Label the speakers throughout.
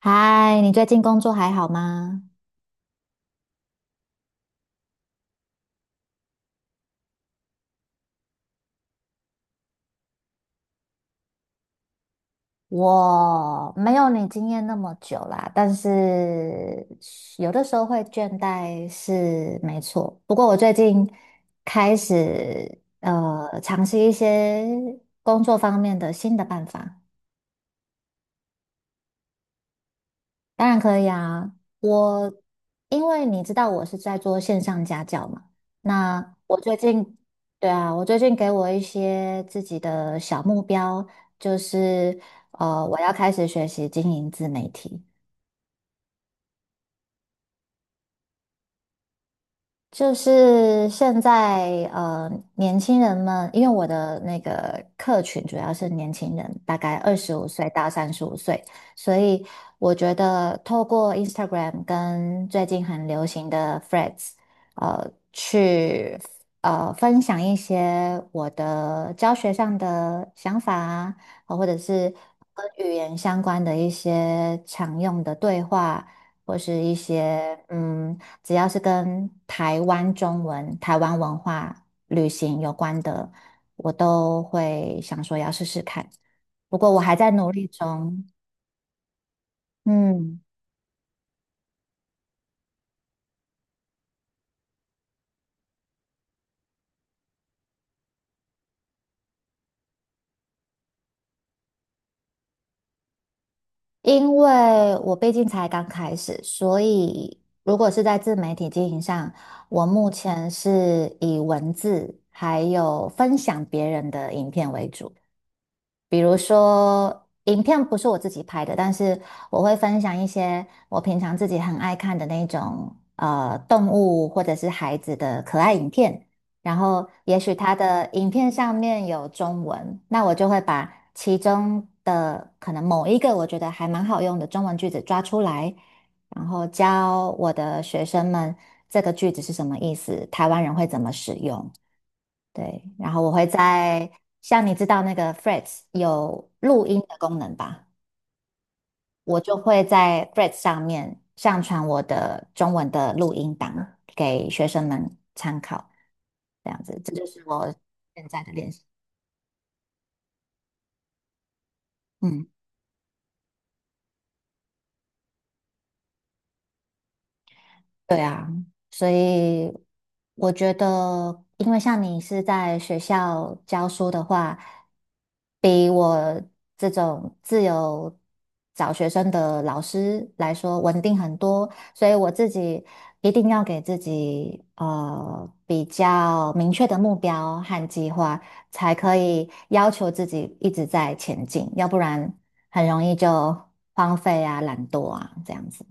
Speaker 1: 嗨，你最近工作还好吗？我没有你经验那么久啦，但是有的时候会倦怠是没错。不过我最近开始尝试一些工作方面的新的办法。当然可以啊，我因为你知道我是在做线上家教嘛，那我最近，对啊，我最近给我一些自己的小目标，就是我要开始学习经营自媒体，就是现在，年轻人们，因为我的那个客群主要是年轻人，大概25岁到35岁，所以我觉得透过 Instagram 跟最近很流行的 Threads，去分享一些我的教学上的想法啊，或者是跟语言相关的一些常用的对话，或是一些。只要是跟台湾中文、台湾文化、旅行有关的，我都会想说要试试看。不过我还在努力中，嗯，因为我毕竟才刚开始，所以如果是在自媒体经营上，我目前是以文字还有分享别人的影片为主。比如说，影片不是我自己拍的，但是我会分享一些我平常自己很爱看的那种动物或者是孩子的可爱影片。然后，也许它的影片上面有中文，那我就会把其中的可能某一个我觉得还蛮好用的中文句子抓出来，然后教我的学生们这个句子是什么意思，台湾人会怎么使用。对，然后我会在，像你知道那个 f r e a d s 有录音的功能吧，我就会在 f r e a d s 上面上传我的中文的录音档给学生们参考，这样子，这就是我现在的练习。嗯。对啊，所以我觉得，因为像你是在学校教书的话，比我这种自由找学生的老师来说稳定很多，所以我自己一定要给自己比较明确的目标和计划，才可以要求自己一直在前进，要不然很容易就荒废啊、懒惰啊这样子。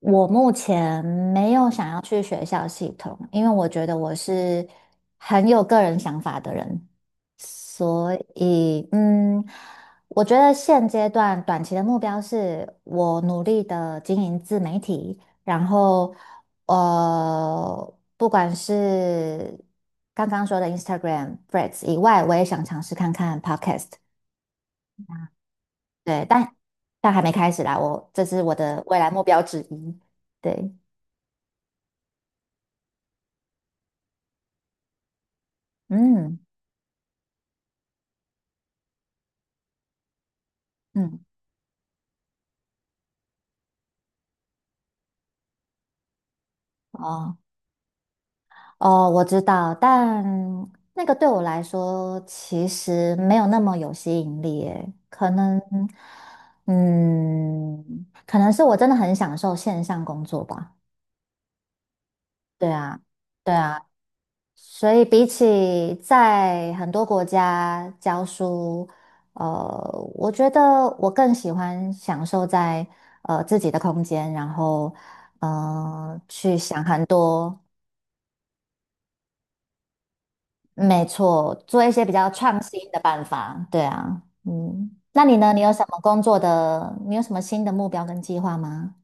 Speaker 1: 我目前没有想要去学校系统，因为我觉得我是很有个人想法的人，所以我觉得现阶段短期的目标是我努力的经营自媒体，然后不管是刚刚说的 Instagram、Threads 以外，我也想尝试看看 Podcast，对，但还没开始啦，我这是我的未来目标之一，对，嗯。嗯，哦哦，我知道，但那个对我来说其实没有那么有吸引力诶，可能是我真的很享受线上工作吧。对啊，对啊，所以比起在很多国家教书，呃，我觉得我更喜欢享受在自己的空间，然后去想很多，没错，做一些比较创新的办法，对啊，那你呢？你有什么工作的？你有什么新的目标跟计划吗？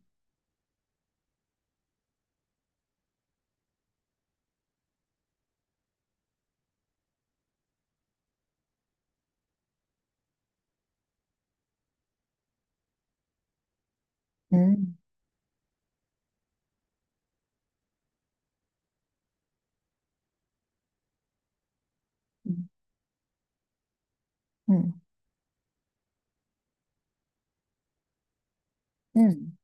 Speaker 1: 嗯嗯嗯嗯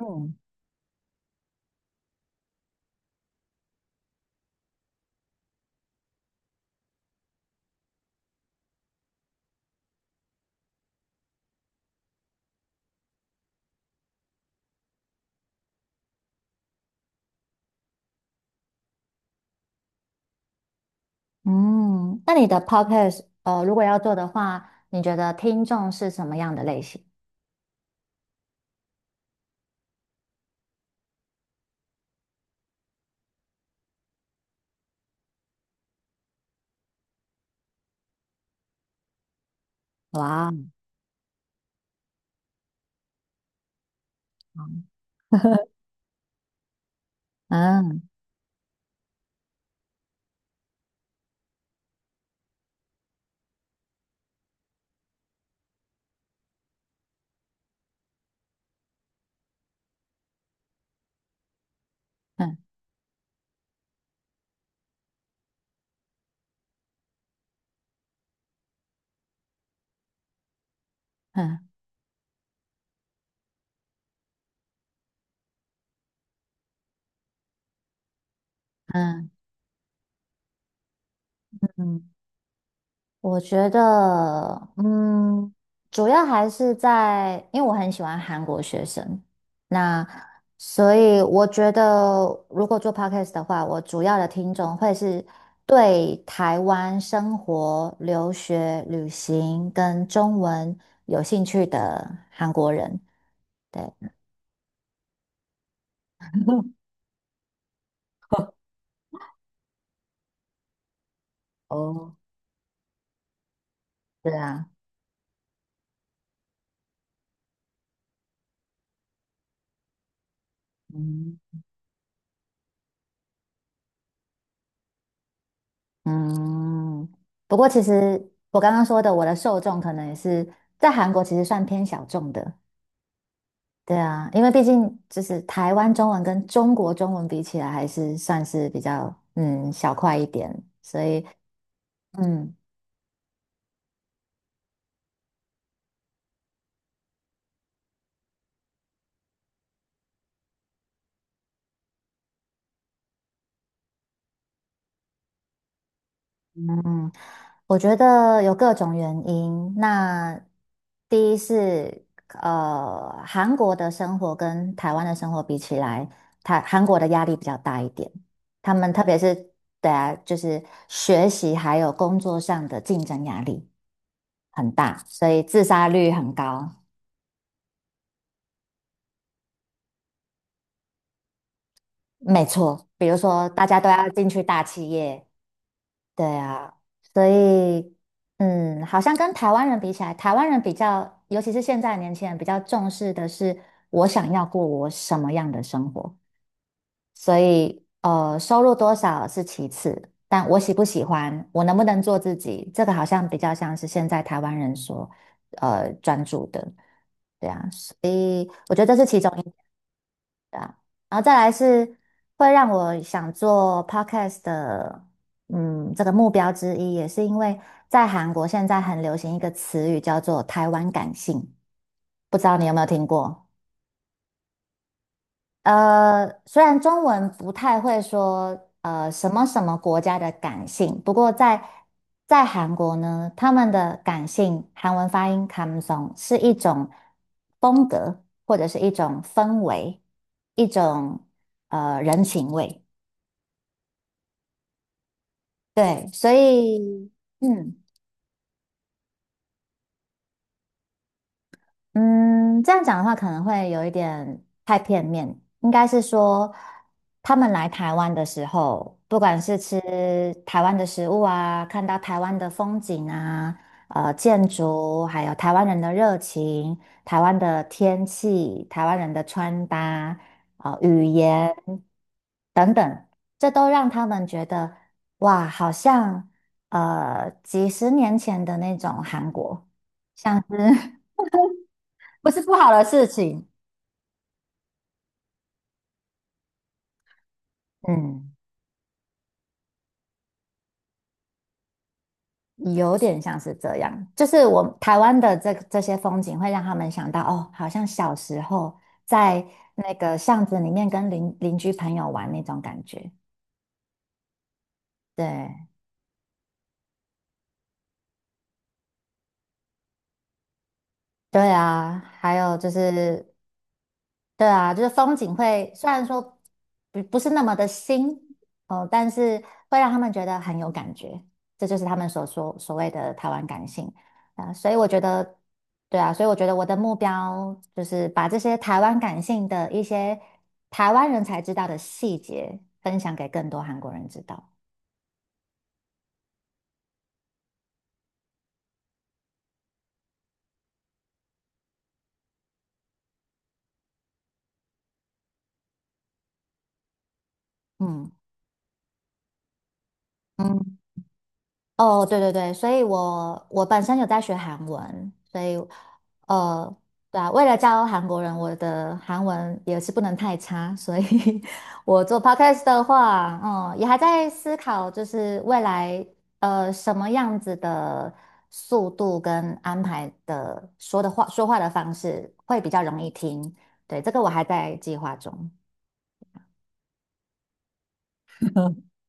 Speaker 1: 嗯嗯，那你的 podcast 如果要做的话，你觉得听众是什么样的类型？哇，嗯 嗯嗯嗯。嗯我觉得，嗯，主要还是在，因为我很喜欢韩国学生，那所以我觉得，如果做 podcast 的话，我主要的听众会是对台湾生活、留学、旅行跟中文有兴趣的韩国人。对，哦，对啊，嗯，嗯，不过其实我刚刚说的，我的受众可能也是在韩国，其实算偏小众的。对啊，因为毕竟就是台湾中文跟中国中文比起来，还是算是比较小块一点，所以嗯嗯，我觉得有各种原因。那第一是韩国的生活跟台湾的生活比起来，韩国的压力比较大一点，他们特别是对啊，就是学习还有工作上的竞争压力很大，所以自杀率很高。没错，比如说大家都要进去大企业，对啊，所以好像跟台湾人比起来，台湾人比较，尤其是现在的年轻人比较重视的是我想要过我什么样的生活，所以收入多少是其次，但我喜不喜欢，我能不能做自己，这个好像比较像是现在台湾人所专注的，对啊，所以我觉得这是其中一。对啊，然后再来是会让我想做 podcast 的，这个目标之一，也是因为在韩国现在很流行一个词语叫做"台湾感性"，不知道你有没有听过？虽然中文不太会说什么什么国家的感性，不过在韩国呢，他们的感性韩文发音 comes o 성是一种风格，或者是一种氛围，一种人情味。对，所以，嗯。嗯，这样讲的话可能会有一点太片面，应该是说他们来台湾的时候，不管是吃台湾的食物啊，看到台湾的风景啊，建筑，还有台湾人的热情、台湾的天气、台湾人的穿搭、啊、语言等等，这都让他们觉得哇，好像几十年前的那种韩国，像是 不是不好的事情，嗯，有点像是这样，就是我台湾的这些风景会让他们想到，哦，好像小时候在那个巷子里面跟邻居朋友玩那种感觉。对，对啊，还有就是对啊，就是风景会虽然说不是那么的新哦，但是会让他们觉得很有感觉，这就是他们所谓的台湾感性啊。所以我觉得，对啊，所以我觉得我的目标就是把这些台湾感性的一些台湾人才知道的细节分享给更多韩国人知道。嗯嗯。哦，对对对，所以我本身有在学韩文，所以呃，对啊，为了教韩国人，我的韩文也是不能太差，所以 我做 podcast 的话，也还在思考，就是未来什么样子的速度跟安排的说话的方式会比较容易听，对，这个我还在计划中。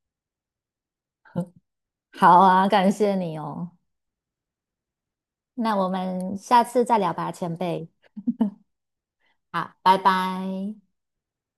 Speaker 1: 好啊，感谢你哦，那我们下次再聊吧，前辈。好，拜拜。